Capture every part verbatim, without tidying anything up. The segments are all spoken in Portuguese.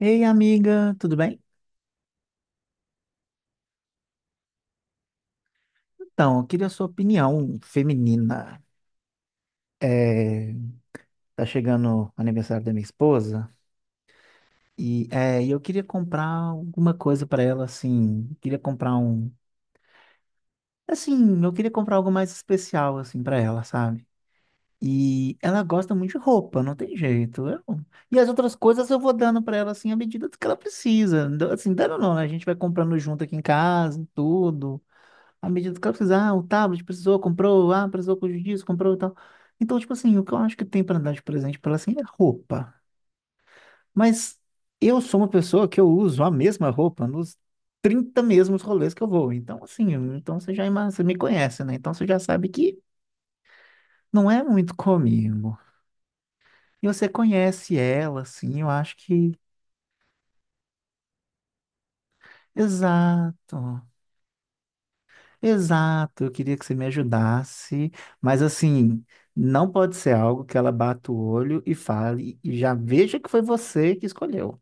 Ei, amiga, tudo bem? Então, eu queria a sua opinião feminina. É, tá chegando o aniversário da minha esposa e é, e eu queria comprar alguma coisa pra ela, assim. Queria comprar um, assim, eu queria comprar algo mais especial, assim, pra ela, sabe? E ela gosta muito de roupa, não tem jeito. eu- E as outras coisas eu vou dando pra ela, assim, à medida do que ela precisa. Do- Assim, dando não, né? A gente vai comprando junto aqui em casa, tudo. À medida do que ela fizer, ah, o tablet precisou, comprou, ah, precisou com disso, comprou e tal. Então, tipo assim, o que eu acho que tem pra dar de presente pra ela assim é roupa. Mas eu sou uma pessoa que eu uso a mesma roupa nos trinta mesmos rolês que eu vou. Então, assim, então você já ima- você me conhece, né? Então você já sabe que não é muito comigo. E você conhece ela, assim, eu acho que. Exato. Exato, eu queria que você me ajudasse, mas assim, não pode ser algo que ela bata o olho e fale e já veja que foi você que escolheu.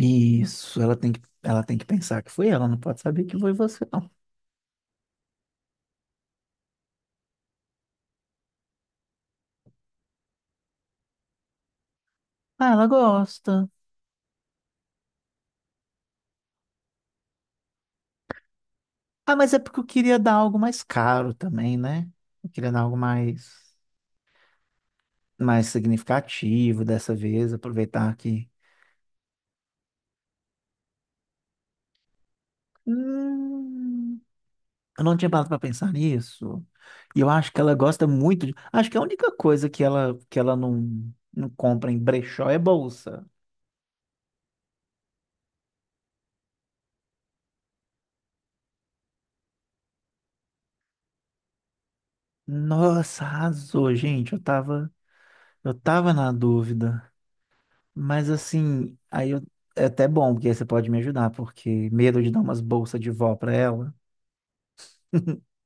Isso, ela tem que, ela tem que pensar que foi ela, não pode saber que foi você, não. Ah, ela gosta. Ah, mas é porque eu queria dar algo mais caro também, né? Eu queria dar algo mais, mais significativo dessa vez, aproveitar que. Hum. Eu não tinha parado pra pensar nisso. E eu acho que ela gosta muito de. Acho que a única coisa que ela, que ela não, não compra em brechó é bolsa. Nossa, arrasou, gente. Eu tava, eu tava na dúvida. Mas assim, aí eu- é até bom, porque aí você pode me ajudar, porque medo de dar umas bolsas de vó pra ela.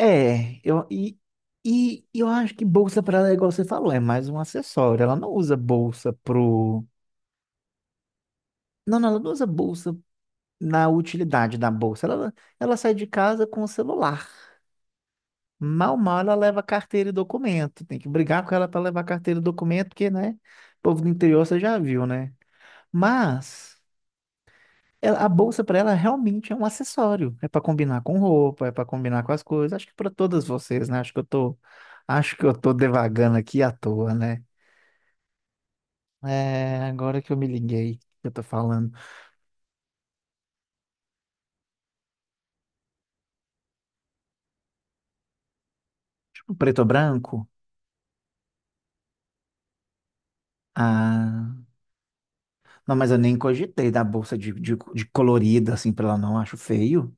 É, eu, e, e e eu acho que bolsa pra ela é igual você falou, é mais um acessório. Ela não usa bolsa pro. Não, não, ela não usa bolsa na utilidade da bolsa. Ela, ela sai de casa com o celular. Mal, mal ela leva carteira e documento. Tem que brigar com ela para levar carteira e documento, porque, né? O povo do interior você já viu, né? Mas ela- a bolsa para ela realmente é um acessório. É para combinar com roupa, é para combinar com as coisas. Acho que para todas vocês, né? Acho que eu tô, acho que eu tô devagando aqui à toa, né? É, agora que eu me liguei, que eu tô falando. Tipo, preto ou branco? Ah. Não, mas eu nem cogitei da bolsa de, de, de colorida, assim, pra ela não, acho feio.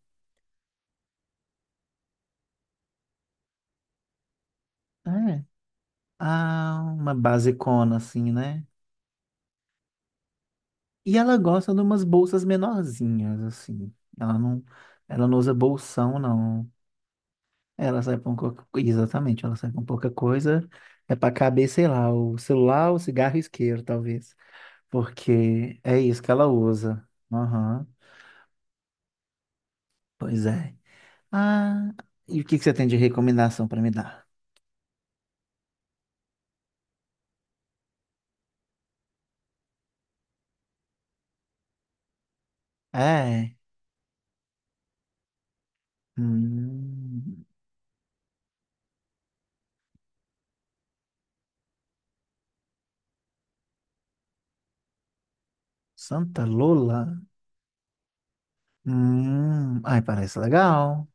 É. Ah, uma basicona, assim, né? E ela gosta de umas bolsas menorzinhas, assim. Ela não, ela não usa bolsão, não. Ela sai com pouca, exatamente, ela sai com pouca coisa. É pra caber, sei lá, o celular, o cigarro e o isqueiro, talvez. Porque é isso que ela usa. Aham, pois é. Ah, e o que que você tem de recomendação pra me dar? É. Hum. Santa Lola? Hum, ai, parece legal.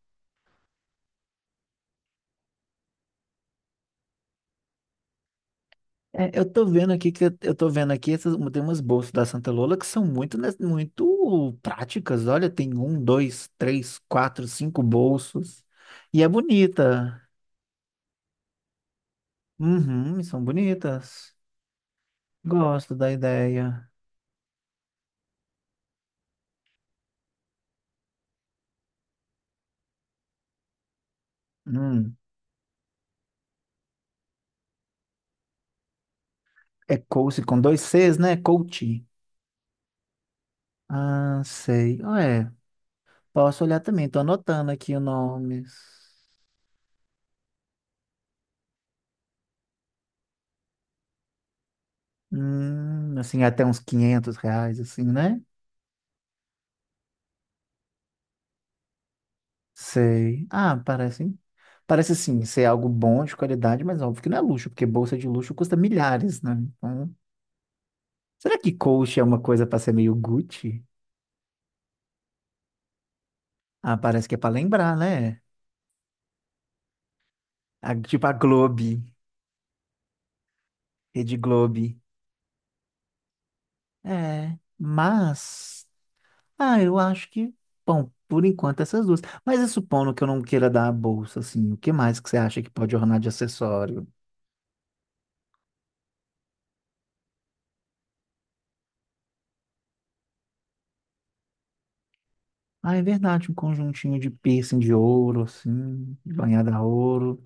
É, eu tô vendo aqui que eu tô vendo aqui essas, tem umas bolsas da Santa Lola que são muito, né, muito práticas. Olha, tem um, dois, três, quatro, cinco bolsos. E é bonita. Uhum, são bonitas. Gosto da ideia. Hum, é Coach com dois Cs, né? Coach. Ah, sei. Ah, é, posso olhar também, tô anotando aqui os nomes. Hum, assim, até uns quinhentos reais, assim, né? Sei. Ah, parece, parece sim ser algo bom, de qualidade, mas óbvio que não é luxo, porque bolsa de luxo custa milhares, né? Então, será que Coach é uma coisa para ser meio Gucci? Ah, parece que é para lembrar, né? A- tipo a Globe, Rede Globe. É, mas, ah, eu acho que, bom, por enquanto essas duas. Mas e supondo que eu não queira dar a bolsa, assim, o que mais que você acha que pode ornar de acessório? Ah, é verdade, um conjuntinho de piercing de ouro, assim, banhada a ouro.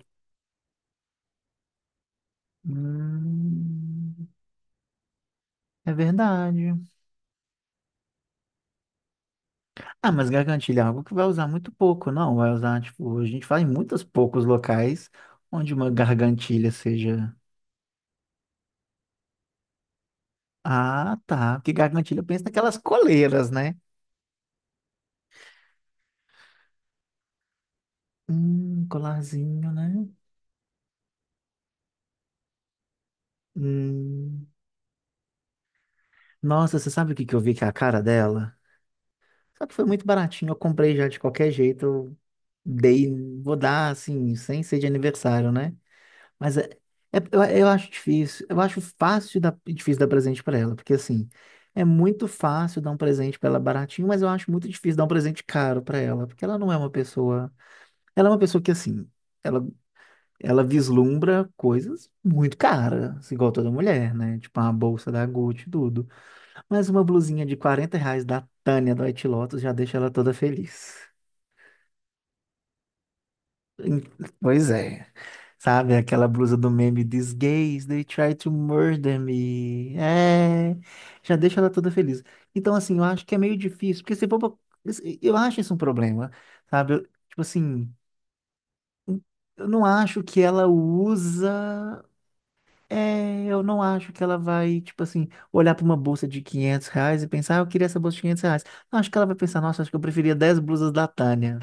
Hum, é verdade. Ah, mas gargantilha é algo que vai usar muito pouco, não? Vai usar, tipo, a gente vai em muitos poucos locais onde uma gargantilha seja. Ah, tá. Porque gargantilha pensa naquelas coleiras, né? Hum, colarzinho, né? Hum. Nossa, você sabe o que que eu vi que é a cara dela? Só que foi muito baratinho, eu comprei já de qualquer jeito. Eu dei, vou dar assim, sem ser de aniversário, né? Mas é, é- eu, eu acho difícil, eu acho fácil dar, difícil dar presente pra ela, porque assim, é muito fácil dar um presente pra ela baratinho, mas eu acho muito difícil dar um presente caro pra ela, porque ela não é uma pessoa, ela é uma pessoa que assim, ela, ela vislumbra coisas muito caras, assim, igual toda mulher, né? Tipo uma bolsa da Gucci, e tudo. Mas uma blusinha de quarenta reais da Tânia do White Lotus já deixa ela toda feliz. Pois é. Sabe aquela blusa do meme These gays, they try to murder me. É, já deixa ela toda feliz. Então, assim, eu acho que é meio difícil, porque se for pra- eu acho isso um problema, sabe? Eu, tipo assim, eu não acho que ela usa. É, eu não acho que ela vai, tipo assim, olhar para uma bolsa de quinhentos reais e pensar, ah, eu queria essa bolsa de quinhentos reais. Não, acho que ela vai pensar, nossa, acho que eu preferia dez blusas da Tânia.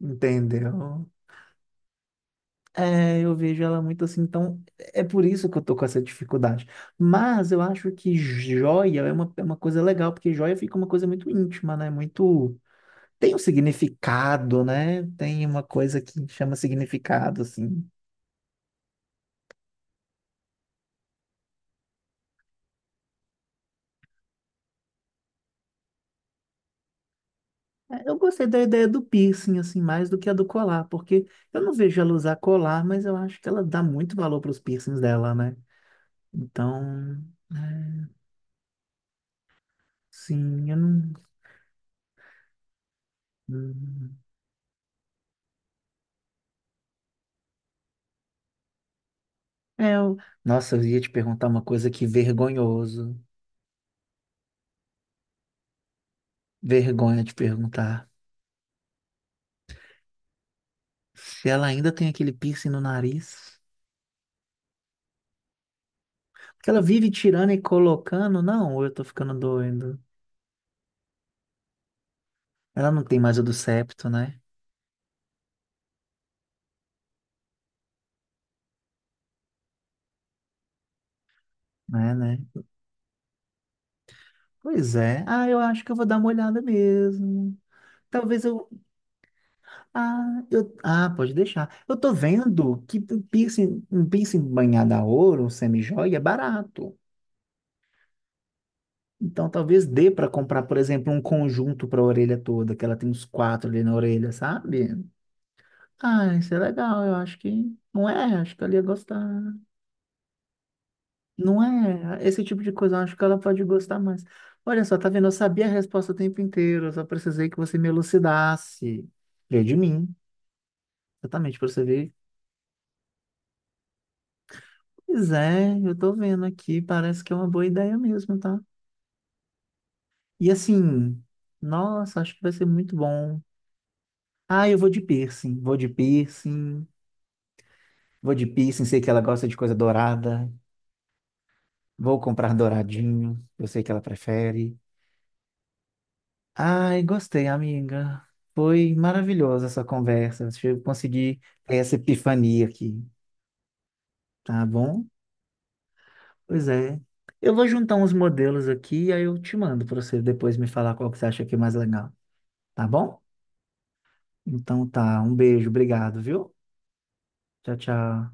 Entendeu? É, eu vejo ela muito assim, então é por isso que eu tô com essa dificuldade. Mas eu acho que joia é uma, é uma, coisa legal, porque joia fica uma coisa muito íntima, né? Muito. Tem um significado, né? Tem uma coisa que chama significado, assim. É, Eu gostei da ideia do piercing, assim, mais do que a do colar, porque eu não vejo ela usar colar, mas eu acho que ela dá muito valor para os piercings dela, né? Então, é, sim, eu não. É, eu. Nossa, eu ia te perguntar uma coisa que vergonhoso. Vergonha de perguntar. Se ela ainda tem aquele piercing no nariz. Porque ela vive tirando e colocando. Não, ou eu tô ficando doido. Ela não tem mais o do septo, né? Né, né? Pois é. Ah, eu acho que eu vou dar uma olhada mesmo. Talvez eu. Ah, eu... ah, pode deixar. Eu tô vendo que um piercing, um piercing banhado a ouro, um semijoia, é barato. Então, talvez dê para comprar, por exemplo, um conjunto para a orelha toda, que ela tem uns quatro ali na orelha, sabe? Ah, isso é legal, eu acho que não é, acho que ela ia gostar. Não é, esse tipo de coisa, eu acho que ela pode gostar mais. Olha só, tá vendo? Eu sabia a resposta o tempo inteiro, eu só precisei que você me elucidasse. Veio de mim, exatamente, para você ver. Pois é, eu tô vendo aqui, parece que é uma boa ideia mesmo, tá? E assim, nossa, acho que vai ser muito bom. Ah, eu vou de piercing, vou de piercing. Vou de piercing, sei que ela gosta de coisa dourada. Vou comprar douradinho, eu sei que ela prefere. Ai, gostei, amiga. Foi maravilhosa essa conversa. Acho que Eu consegui ter essa epifania aqui, tá bom? Pois é. Eu vou juntar uns modelos aqui e aí eu te mando para você depois me falar qual que você acha que é mais legal, tá bom? Então tá, um beijo, obrigado, viu? Tchau, tchau.